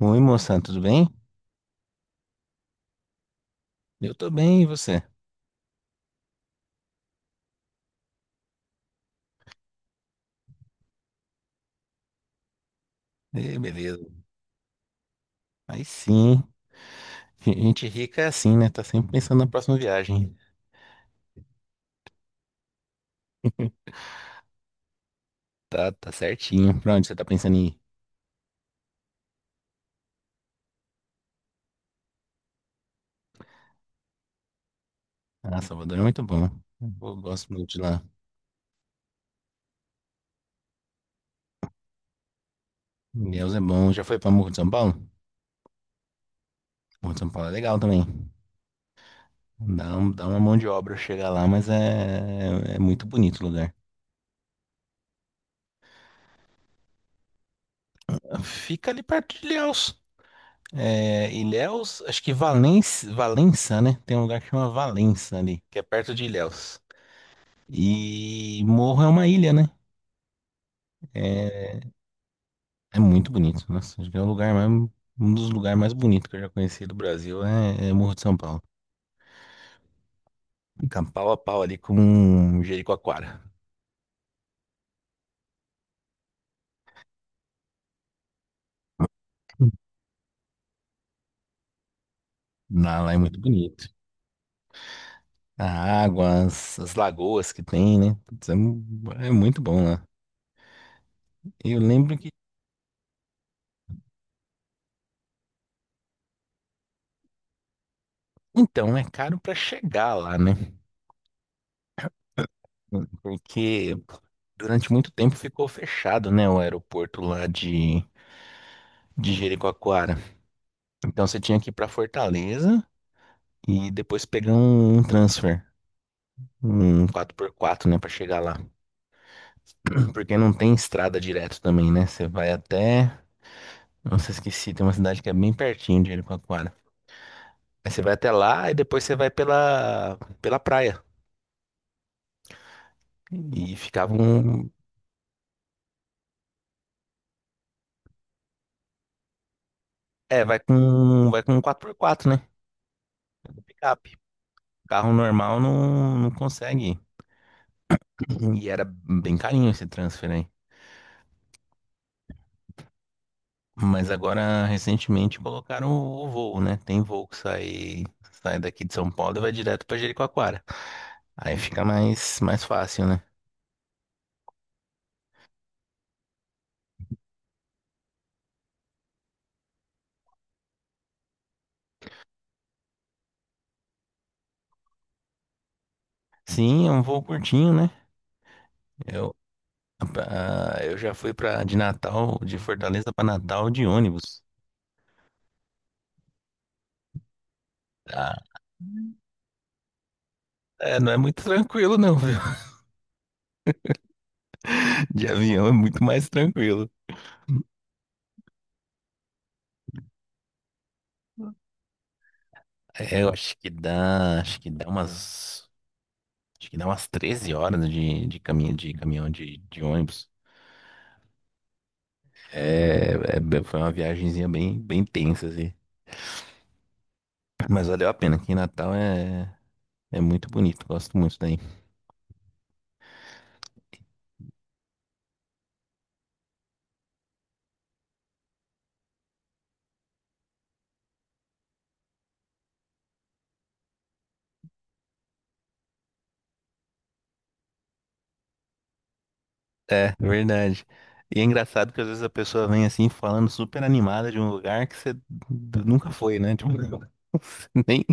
Oi, moça, tudo bem? Eu tô bem, e você? Ê, beleza. Aí sim, gente rica é assim, né? Tá sempre pensando na próxima viagem. Tá, tá certinho. Pra onde você tá pensando em ir? Ah, Salvador é muito bom. Eu gosto muito de lá. Deus é bom. Já foi pra Morro de São Paulo? Morro de São Paulo é legal também. Dá uma mão de obra chegar lá, mas é muito bonito o lugar. Fica ali perto de Ilhéus. É, Ilhéus, acho que Valença, Valença, né? Tem um lugar que chama Valença ali, que é perto de Ilhéus. E Morro é uma ilha, né? É, é muito bonito. Nossa, acho que é o lugar mais, um dos lugares mais bonitos que eu já conheci do Brasil é Morro de São Paulo. Fica pau a pau ali com Jericoacoara. Lá é muito bonito. A água, as lagoas que tem, né? Putz, é muito bom lá. Eu lembro que. Então, é caro pra chegar lá, né? Porque durante muito tempo ficou fechado, né? O aeroporto lá de Jericoacoara. Então você tinha que ir pra Fortaleza, e depois pegar um transfer, um 4x4, né, pra chegar lá. Porque não tem estrada direto também, né? Você vai até, não nossa, esqueci, tem uma cidade que é bem pertinho de Jericoacoara. Aí você vai até lá e depois você vai pela praia. E vai com um 4x4, né? Do Picape. Carro normal não, não consegue ir. E era bem carinho esse transfer aí. Mas agora, recentemente, colocaram o voo, né? Tem voo que sai daqui de São Paulo e vai direto pra Jericoacoara. Aí fica mais fácil, né? Sim, é um voo curtinho, né? Eu, eu já fui de Natal, de Fortaleza pra Natal de ônibus. Ah, é, não é muito tranquilo, não, viu? De avião é muito mais tranquilo. É, eu acho que dá umas 13 horas de caminho, de ônibus. É, foi uma viagenzinha bem tensa, assim. Mas valeu a pena. Aqui em Natal é muito bonito. Gosto muito daí. É, verdade. E é engraçado que às vezes a pessoa vem assim falando super animada de um lugar que você nunca foi, né? Tipo, nem.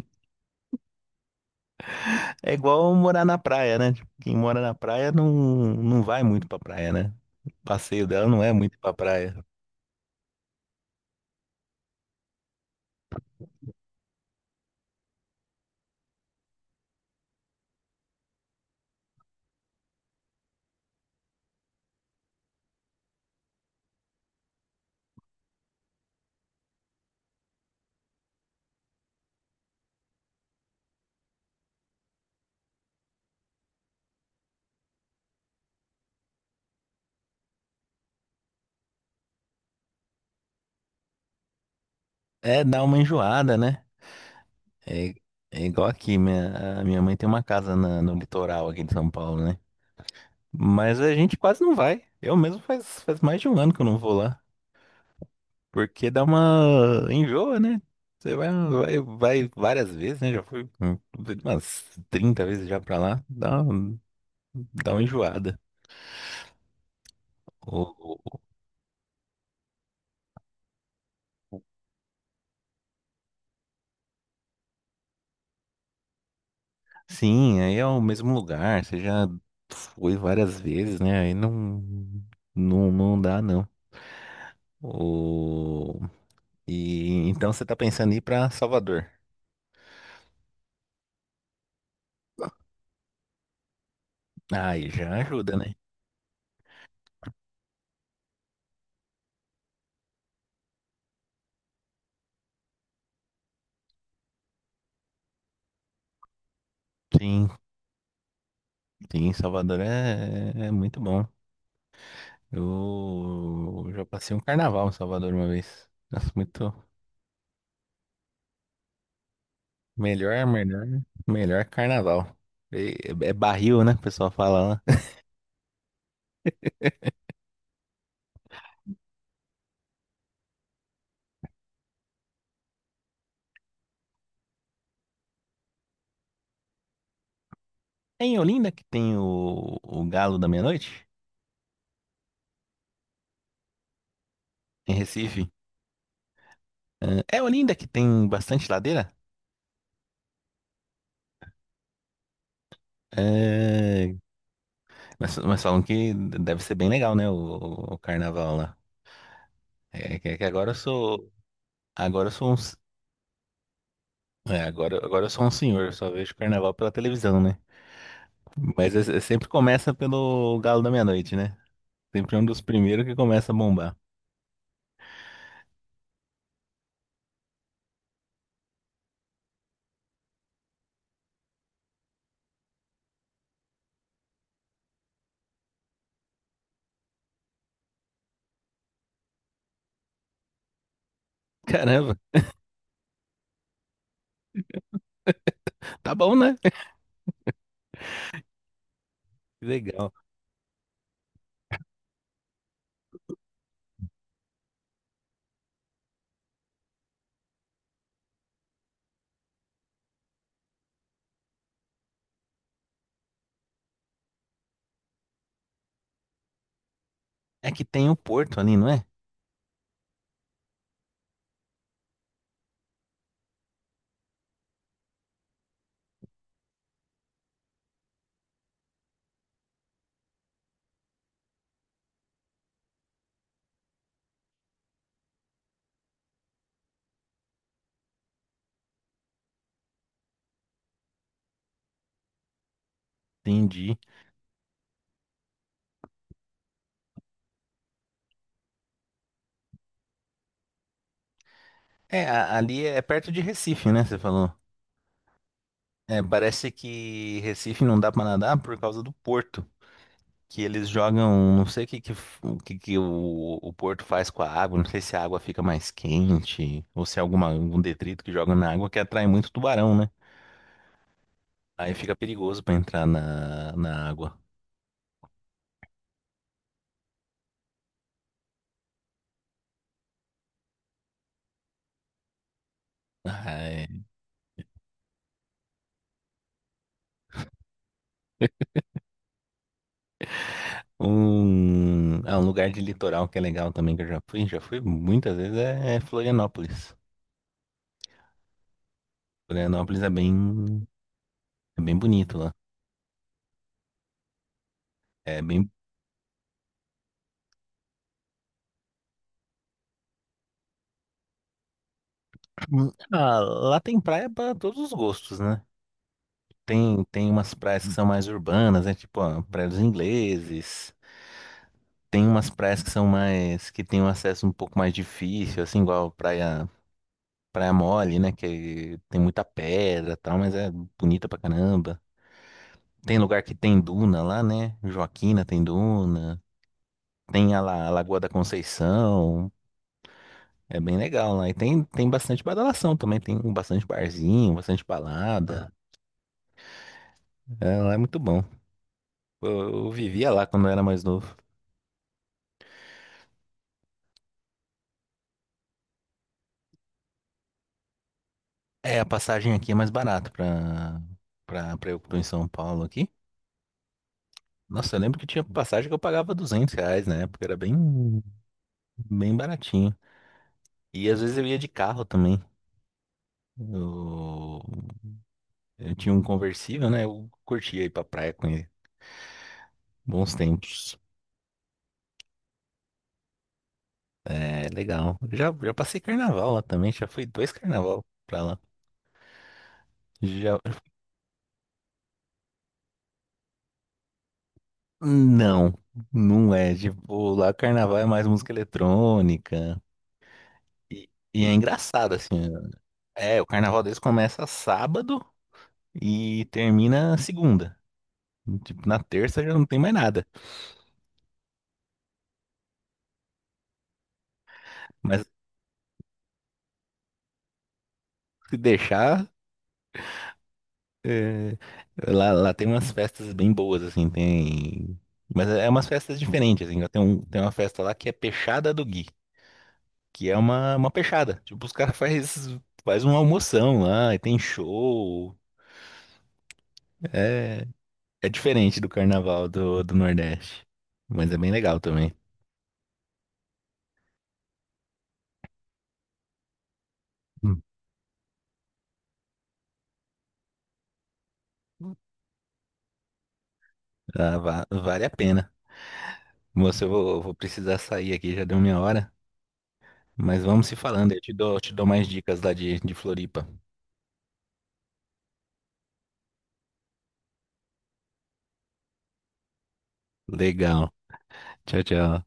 É igual morar na praia, né? Tipo, quem mora na praia não, não vai muito pra praia, né? O passeio dela não é muito pra praia. É, dá uma enjoada, né? É, é igual aqui, a minha mãe tem uma casa no litoral aqui de São Paulo, né? Mas a gente quase não vai. Eu mesmo faz mais de um ano que eu não vou lá. Porque dá uma enjoa, né? Você vai várias vezes, né? Já fui umas 30 vezes já pra lá. Dá uma enjoada. o- o- Sim, aí é o mesmo lugar. Você já foi várias vezes, né? Aí não, não, não dá, não. O... E então você tá pensando em ir pra Salvador. Ah, aí já ajuda, né? Sim, sim, Salvador é muito bom. Eu já passei um carnaval em Salvador uma vez. Nossa, muito melhor, melhor, melhor carnaval. E- é barril, né? O pessoal fala lá. É em Olinda que tem o Galo da Meia-Noite? Em Recife? É Olinda que tem bastante ladeira? É, mas falam que deve ser bem legal, né? O carnaval lá. É que agora eu sou. Agora eu sou um senhor, só vejo carnaval pela televisão, né? Mas é sempre começa pelo Galo da Meia-Noite, né? Sempre é um dos primeiros que começa a bombar. Caramba, tá bom, né? Que legal. É que tem o Porto ali, não é? Entendi. É, ali é perto de Recife, né? Você falou. É, parece que Recife não dá pra nadar por causa do Porto. Que eles jogam, não sei o que, que, o, que, que o Porto faz com a água, não sei se a água fica mais quente ou se é algum detrito que joga na água que atrai muito tubarão, né? Aí fica perigoso pra entrar na água. Ah, é. Um lugar de litoral que é legal também, que eu já fui muitas vezes, é Florianópolis. Florianópolis é bem bonito lá. É bem. Ah, lá tem praia pra todos os gostos, né? Tem umas praias que são mais urbanas, né? Tipo, ó, Praia dos Ingleses. Tem umas praias que são mais, que tem um acesso um pouco mais difícil, assim, igual Praia Mole, né? Que tem muita pedra e tal, mas é bonita pra caramba. Tem lugar que tem duna lá, né? Joaquina tem duna. Tem a Lagoa da Conceição. É bem legal lá. E tem bastante badalação também. Tem bastante barzinho, bastante balada. É, lá é muito bom. Eu vivia lá quando eu era mais novo. É, a passagem aqui é mais barata pra eu que tô em São Paulo aqui. Nossa, eu lembro que tinha passagem que eu pagava R$ 200 na época, era bem baratinho. E às vezes eu ia de carro também. Eu, eu tinha um conversível, né? Eu curtia ir pra praia com ele. Bons tempos. É legal. Já passei carnaval lá também, já fui dois carnaval pra lá. Já... Não, não é. Tipo, lá carnaval é mais música eletrônica. E, e é engraçado, assim. É, o carnaval deles começa sábado e termina segunda. Tipo, na terça já não tem mais nada. Mas se deixar, é, lá tem umas festas bem boas, assim, tem. Mas é umas festas diferentes, assim. Tem uma festa lá que é Peixada do Gui, que é uma peixada. Tipo, os caras faz uma almoção lá e tem show. É, é diferente do carnaval do Nordeste. Mas é bem legal também. Hum. Ah, vale a pena. Moça, eu vou, precisar sair aqui, já deu minha hora. Mas vamos se falando, eu te dou mais dicas lá de Floripa. Legal. Tchau, tchau.